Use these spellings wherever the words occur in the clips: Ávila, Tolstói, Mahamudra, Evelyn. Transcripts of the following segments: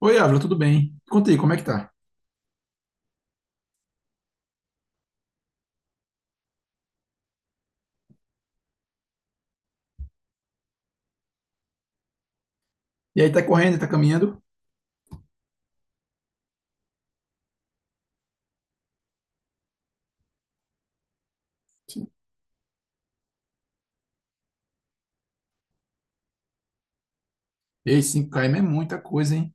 Oi, Ávila, tudo bem? Conta aí, como é que tá? E aí, tá correndo, tá caminhando? Ei, 5 km é muita coisa, hein?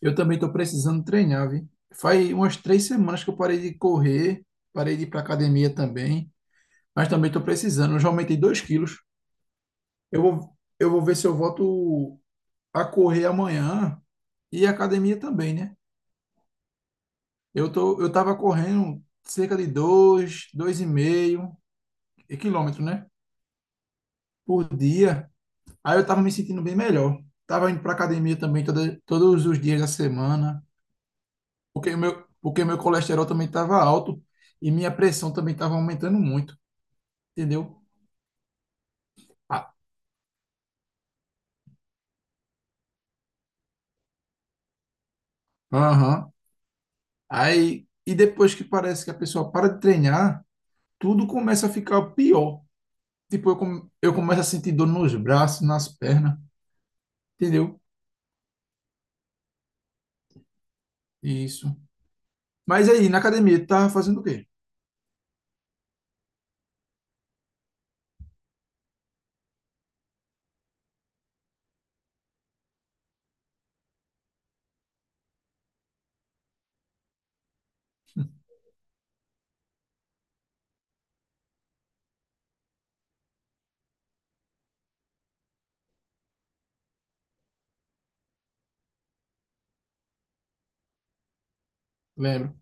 Eu também tô precisando treinar, viu? Faz umas 3 semanas que eu parei de correr, parei de ir pra academia também, mas também tô precisando. Eu já aumentei 2 quilos. Eu vou ver se eu volto a correr amanhã e a academia também, né? Eu tava correndo cerca de dois e meio quilômetros, né? Por dia. Aí eu tava me sentindo bem melhor. Tava indo pra academia também todos os dias da semana, porque meu colesterol também tava alto e minha pressão também tava aumentando muito, entendeu? Ah, aham. Aí, e depois que parece que a pessoa para de treinar, tudo começa a ficar pior. Tipo, eu começo a sentir dor nos braços, nas pernas, entendeu? Isso. Mas aí, na academia, tu tava fazendo o quê? Lembro.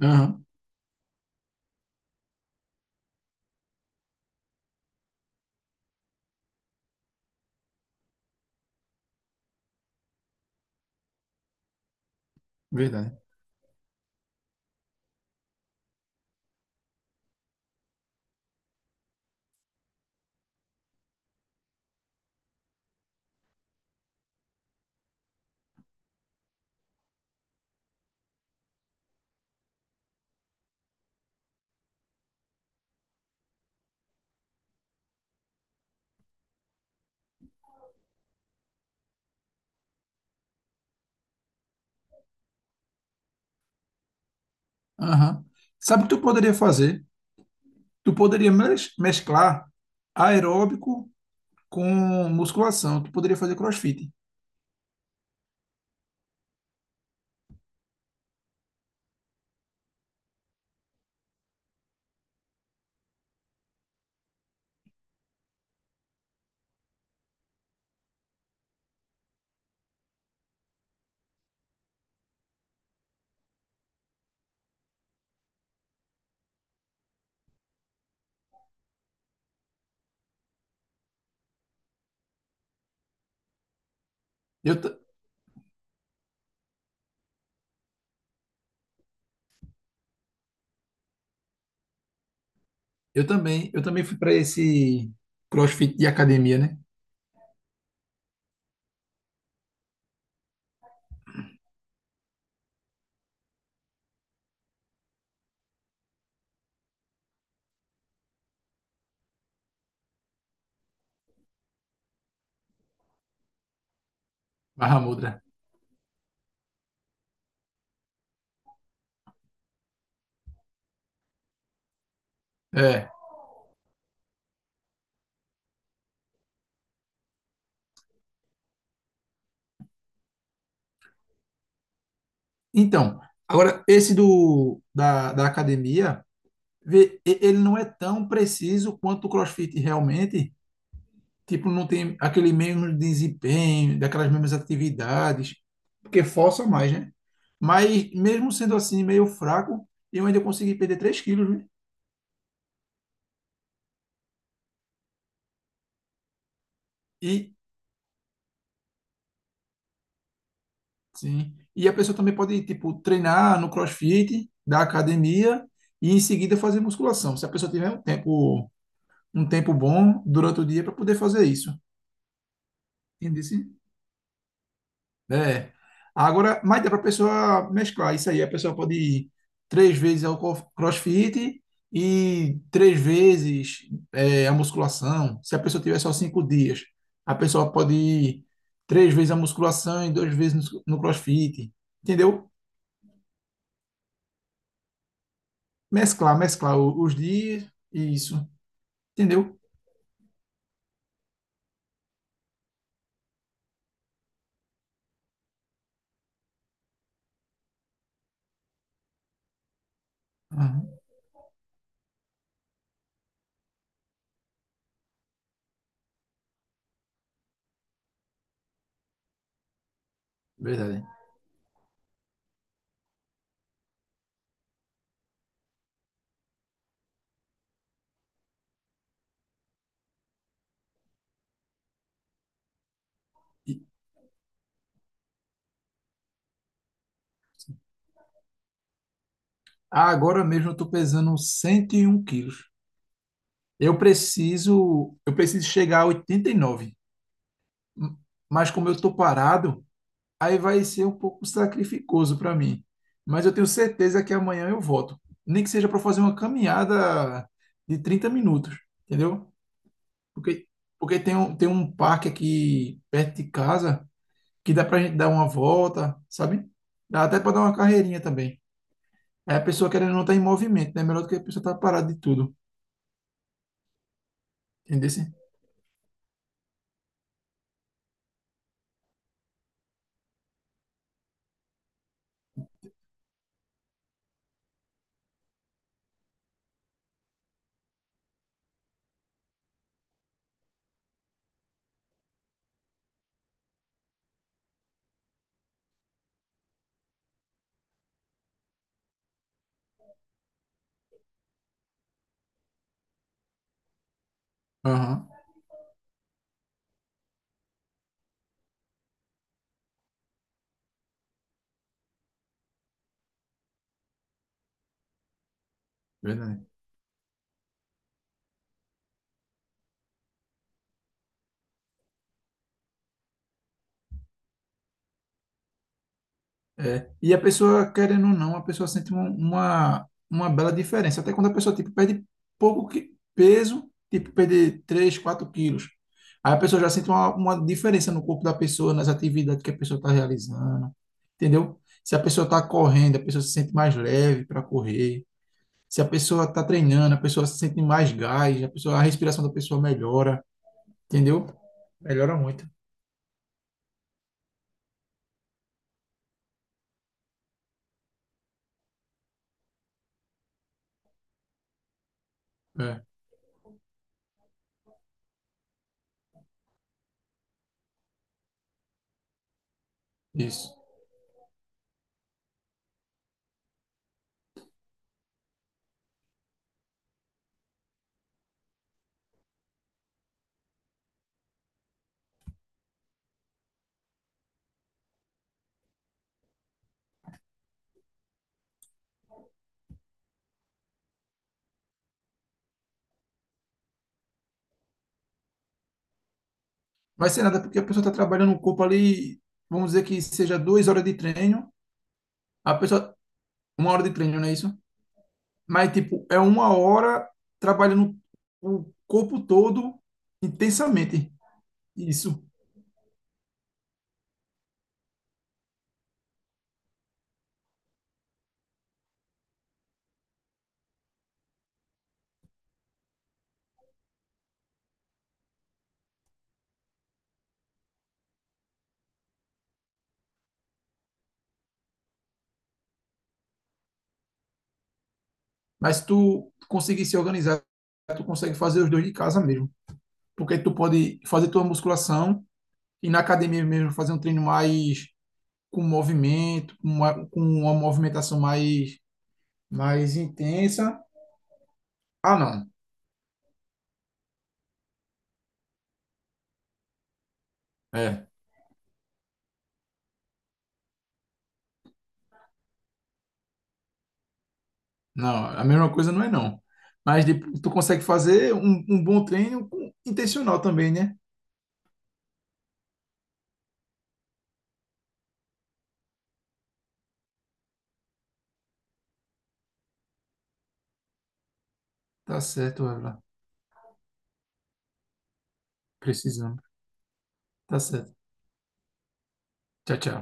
Aham, verdade. Aham. Sabe o que tu poderia fazer? Tu poderia mesclar aeróbico com musculação. Tu poderia fazer CrossFit. Eu, ta- eu também fui para esse CrossFit de academia, né? Mahamudra. É. Então, agora esse do da academia, ele não é tão preciso quanto o CrossFit realmente. Tipo, não tem aquele mesmo desempenho, daquelas mesmas atividades, porque força mais, né? Mas mesmo sendo assim meio fraco, eu ainda consegui perder 3 quilos. E, sim. E a pessoa também pode, tipo, treinar no CrossFit da academia e em seguida fazer musculação. Se a pessoa tiver um tempo bom durante o dia para poder fazer isso. Entendi, sim. É. Agora, mas dá para a pessoa mesclar isso aí. A pessoa pode ir 3 vezes ao CrossFit e 3 vezes a musculação. Se a pessoa tiver só 5 dias, a pessoa pode ir três vezes a musculação e 2 vezes no CrossFit. Entendeu? Mesclar os dias e isso. Entendeu? Aham, verdade. E- ah, agora mesmo eu tô pesando 101 quilos. Eu preciso chegar a 89. M- Mas como eu tô parado, aí vai ser um pouco sacrificoso para mim. Mas eu tenho certeza que amanhã eu volto. Nem que seja para fazer uma caminhada de 30 minutos, entendeu? Porque, porque tem um parque aqui perto de casa que dá pra gente dar uma volta, sabe? Dá até pra dar uma carreirinha também. Aí a pessoa querendo não tá em movimento, né? Melhor do que a pessoa tá parada de tudo. Entendeu? Assim? Aham, verdade. É. E a pessoa querendo ou não, a pessoa sente uma bela diferença. Até quando a pessoa, tipo, perde pouco peso, tipo, perder 3, 4 quilos. Aí a pessoa já sente uma diferença no corpo da pessoa, nas atividades que a pessoa está realizando, entendeu? Se a pessoa está correndo, a pessoa se sente mais leve para correr. Se a pessoa está treinando, a pessoa se sente mais gás, a pessoa, a respiração da pessoa melhora, entendeu? Melhora muito. É, isso. Vai ser nada porque a pessoa está trabalhando o corpo ali, vamos dizer que seja 2 horas de treino, a pessoa, 1 hora de treino, não é isso? Mas, tipo, é 1 hora trabalhando o corpo todo intensamente. Isso. Mas se tu conseguir se organizar, tu consegue fazer os dois de casa mesmo. Porque tu pode fazer tua musculação e na academia mesmo fazer um treino mais com movimento, com uma movimentação mais intensa. Ah, não. É. Não, a mesma coisa não é não. Mas tu consegue fazer um bom treino intencional também, né? Tá certo, Evelyn. Precisamos. Tá certo. Tchau, tchau.